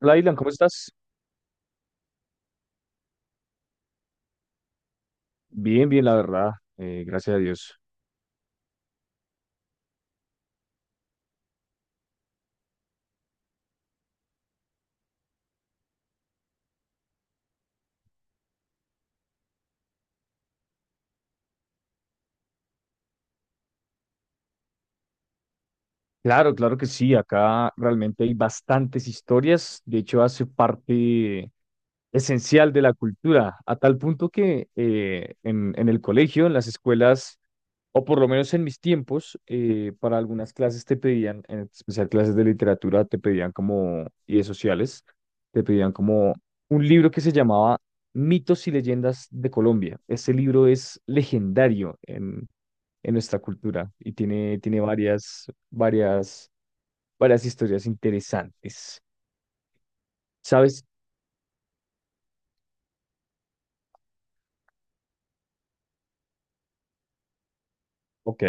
Hola, Dylan, ¿cómo estás? Bien, bien, la verdad, gracias a Dios. Claro, claro que sí. Acá realmente hay bastantes historias. De hecho, hace parte esencial de la cultura, a tal punto que en el colegio, en las escuelas, o por lo menos en mis tiempos, para algunas clases te pedían, en especial clases de literatura, te pedían como, y de sociales, te pedían como un libro que se llamaba Mitos y Leyendas de Colombia. Este libro es legendario en nuestra cultura y tiene, tiene varias, varias historias interesantes. ¿Sabes? Ok.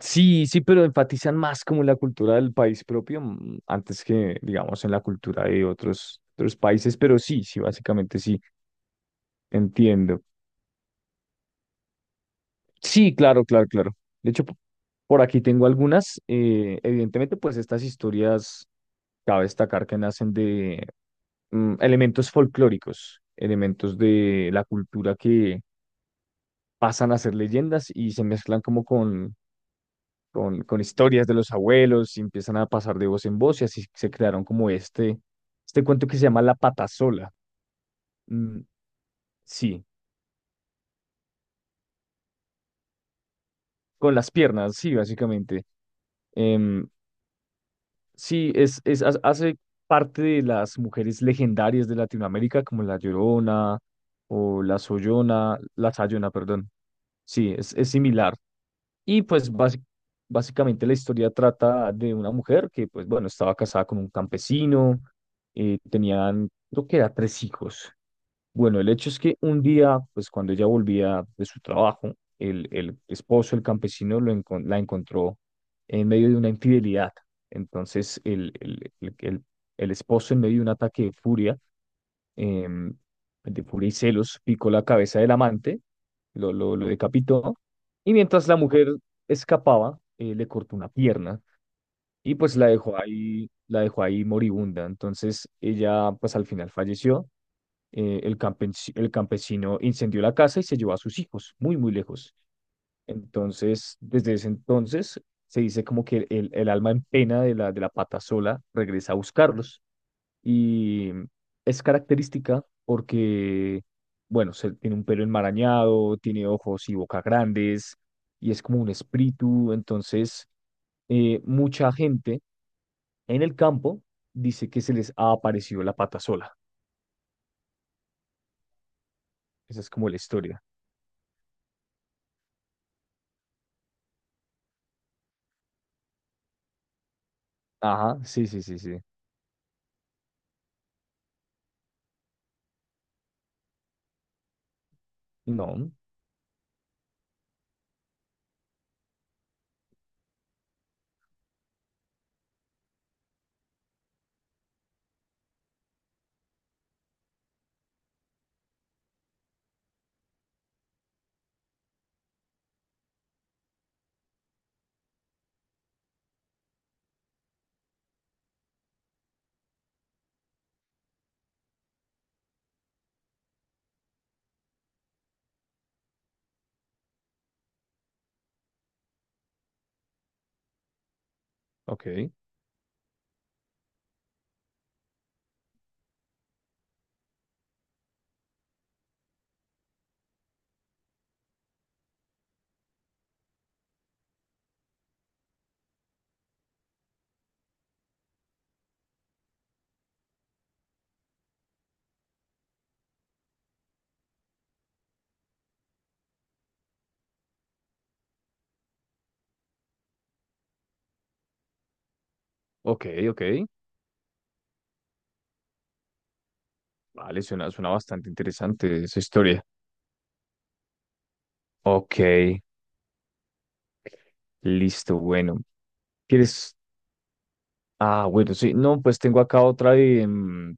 Sí, sí, pero enfatizan más como la cultura del país propio, mm, antes que, digamos, en la cultura de otros países, pero sí, sí, básicamente sí, entiendo. Sí, claro, claro, claro. De hecho, por aquí tengo algunas. Evidentemente, pues estas historias, cabe destacar que nacen de elementos folclóricos, elementos de la cultura que pasan a ser leyendas y se mezclan como con con historias de los abuelos y empiezan a pasar de voz en voz, y así se crearon como este cuento que se llama La Patasola. Mm, sí, con las piernas, sí, básicamente. Em, sí, hace parte de las mujeres legendarias de Latinoamérica como la Llorona o la Sollona, la Sayona, perdón. Sí, es similar. Y pues básicamente la historia trata de una mujer que, pues bueno, estaba casada con un campesino. Tenían, creo que era tres hijos. Bueno, el hecho es que un día, pues cuando ella volvía de su trabajo, el esposo, el campesino, la encontró en medio de una infidelidad. Entonces, el esposo, en medio de un ataque de furia, em, de furia y celos, picó la cabeza del amante, lo decapitó. Y mientras la mujer escapaba, le cortó una pierna y pues la dejó ahí moribunda. Entonces ella pues al final falleció. El campesino incendió la casa y se llevó a sus hijos muy, muy lejos. Entonces, desde ese entonces se dice como que el alma en pena de de la pata sola regresa a buscarlos. Y es característica porque, bueno, tiene un pelo enmarañado, tiene ojos y boca grandes, y es como un espíritu. Entonces, mucha gente en el campo dice que se les ha aparecido la pata sola. Esa es como la historia. Ajá, sí, sí, sí, sí. No, ok, ok, ok. Vale, suena, suena bastante interesante esa historia. Ok, listo, bueno. ¿Quieres? Ah, bueno, sí. No, pues tengo acá otra de...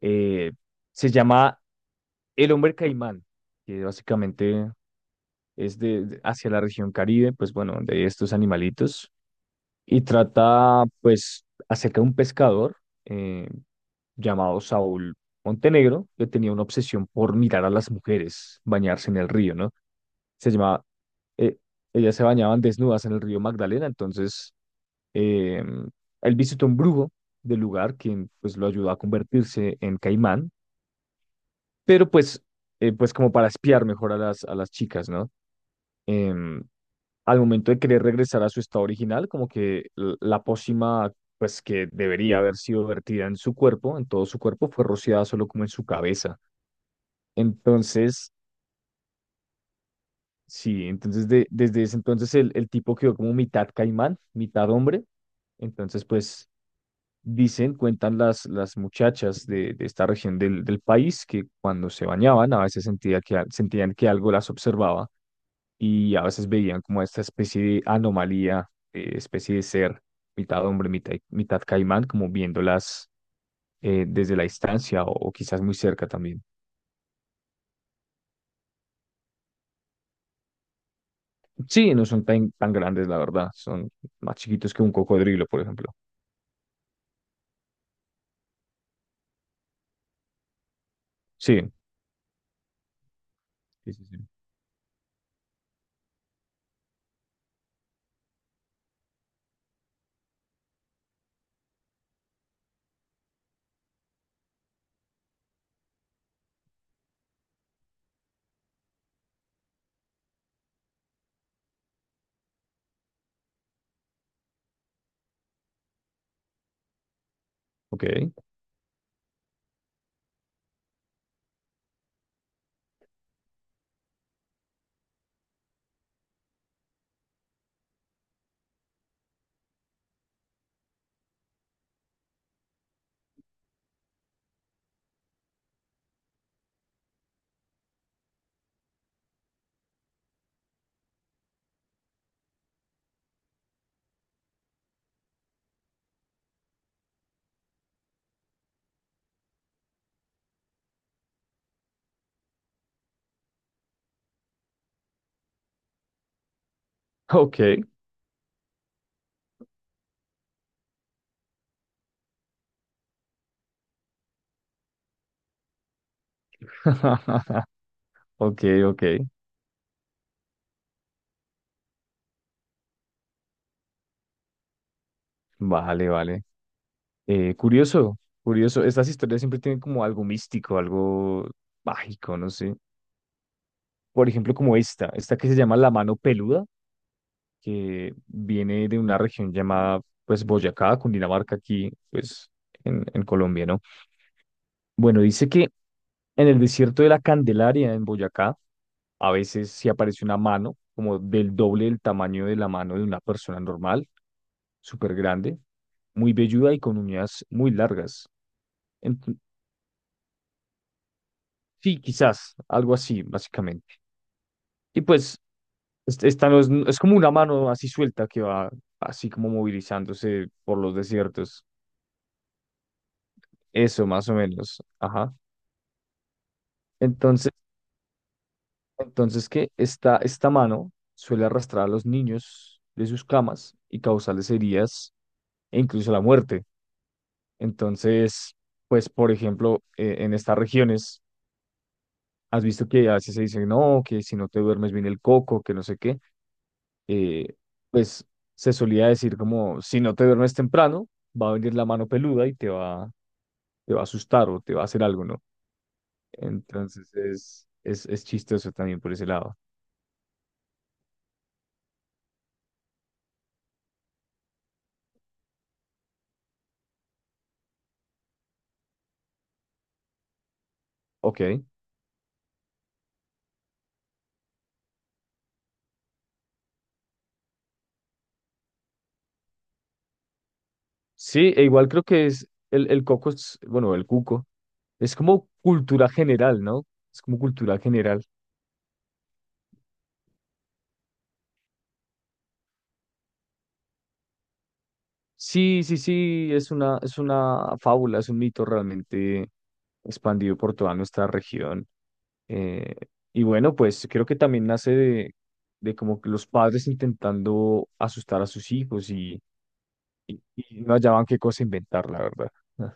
Eh, se llama El Hombre Caimán, que básicamente es hacia la región Caribe, pues bueno, de estos animalitos, y trata pues acerca de un pescador eh, llamado Saúl Montenegro, que tenía una obsesión por mirar a las mujeres bañarse en el río, ¿no? Se llamaba, eh, ellas se bañaban desnudas en el río Magdalena. Entonces, eh, él visitó un brujo del lugar, quien pues lo ayudó a convertirse en caimán, pero pues, pues como para espiar mejor a a las chicas, ¿no? Em, Al momento de querer regresar a su estado original, como que la pócima, pues que debería haber sido vertida en su cuerpo, en todo su cuerpo, fue rociada solo como en su cabeza. Entonces, sí, entonces desde ese entonces el tipo quedó como mitad caimán, mitad hombre. Entonces, pues dicen, cuentan las muchachas de esta región del país que cuando se bañaban a veces sentía que, sentían que algo las observaba, y a veces veían como esta especie de anomalía, especie de ser mitad hombre, mitad caimán, como viéndolas desde la distancia o quizás muy cerca también. Sí, no son tan grandes, la verdad, son más chiquitos que un cocodrilo, por ejemplo. Sí, sí, sí, sí. Ok, ok, ok, ok, vale, vale. Curioso, curioso, estas historias siempre tienen como algo místico, algo mágico, no sé. Por ejemplo, como esta que se llama La Mano Peluda, que viene de una región llamada pues Boyacá, Cundinamarca, aquí pues en Colombia, ¿no? Bueno, dice que en el desierto de la Candelaria, en Boyacá, a veces sí aparece una mano como del doble del tamaño de la mano de una persona normal, súper grande, muy velluda y con uñas muy largas. Ent- sí, quizás, algo así, básicamente. Y pues esta no es, es como una mano así suelta que va así como movilizándose por los desiertos. Eso, más o menos. Ajá. Entonces, entonces que esta mano suele arrastrar a los niños de sus camas y causarles heridas e incluso la muerte. Entonces, pues, por ejemplo, en estas regiones, has visto que a veces se dice, no, que si no te duermes bien el coco, que no sé qué, eh, pues se solía decir como, si no te duermes temprano, va a venir la mano peluda y te va a asustar o te va a hacer algo, ¿no? Entonces es, es chistoso también por ese lado. Ok. Sí, e igual creo que es el coco, es, bueno, el cuco, es como cultura general, ¿no? Es como cultura general. Sí, sí, sí, es una fábula, es un mito realmente expandido por toda nuestra región. Eh, y bueno, pues creo que también nace de como que los padres intentando asustar a sus hijos y no hallaban qué cosa inventar, la verdad. Ah,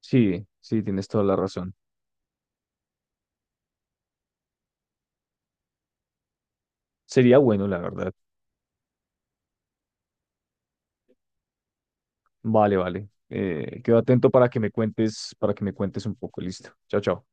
sí, sí, tienes toda la razón. Sería bueno, la verdad. Vale, vale. Quedo atento para que me cuentes, para que me cuentes un poco. Listo. Chao, chao.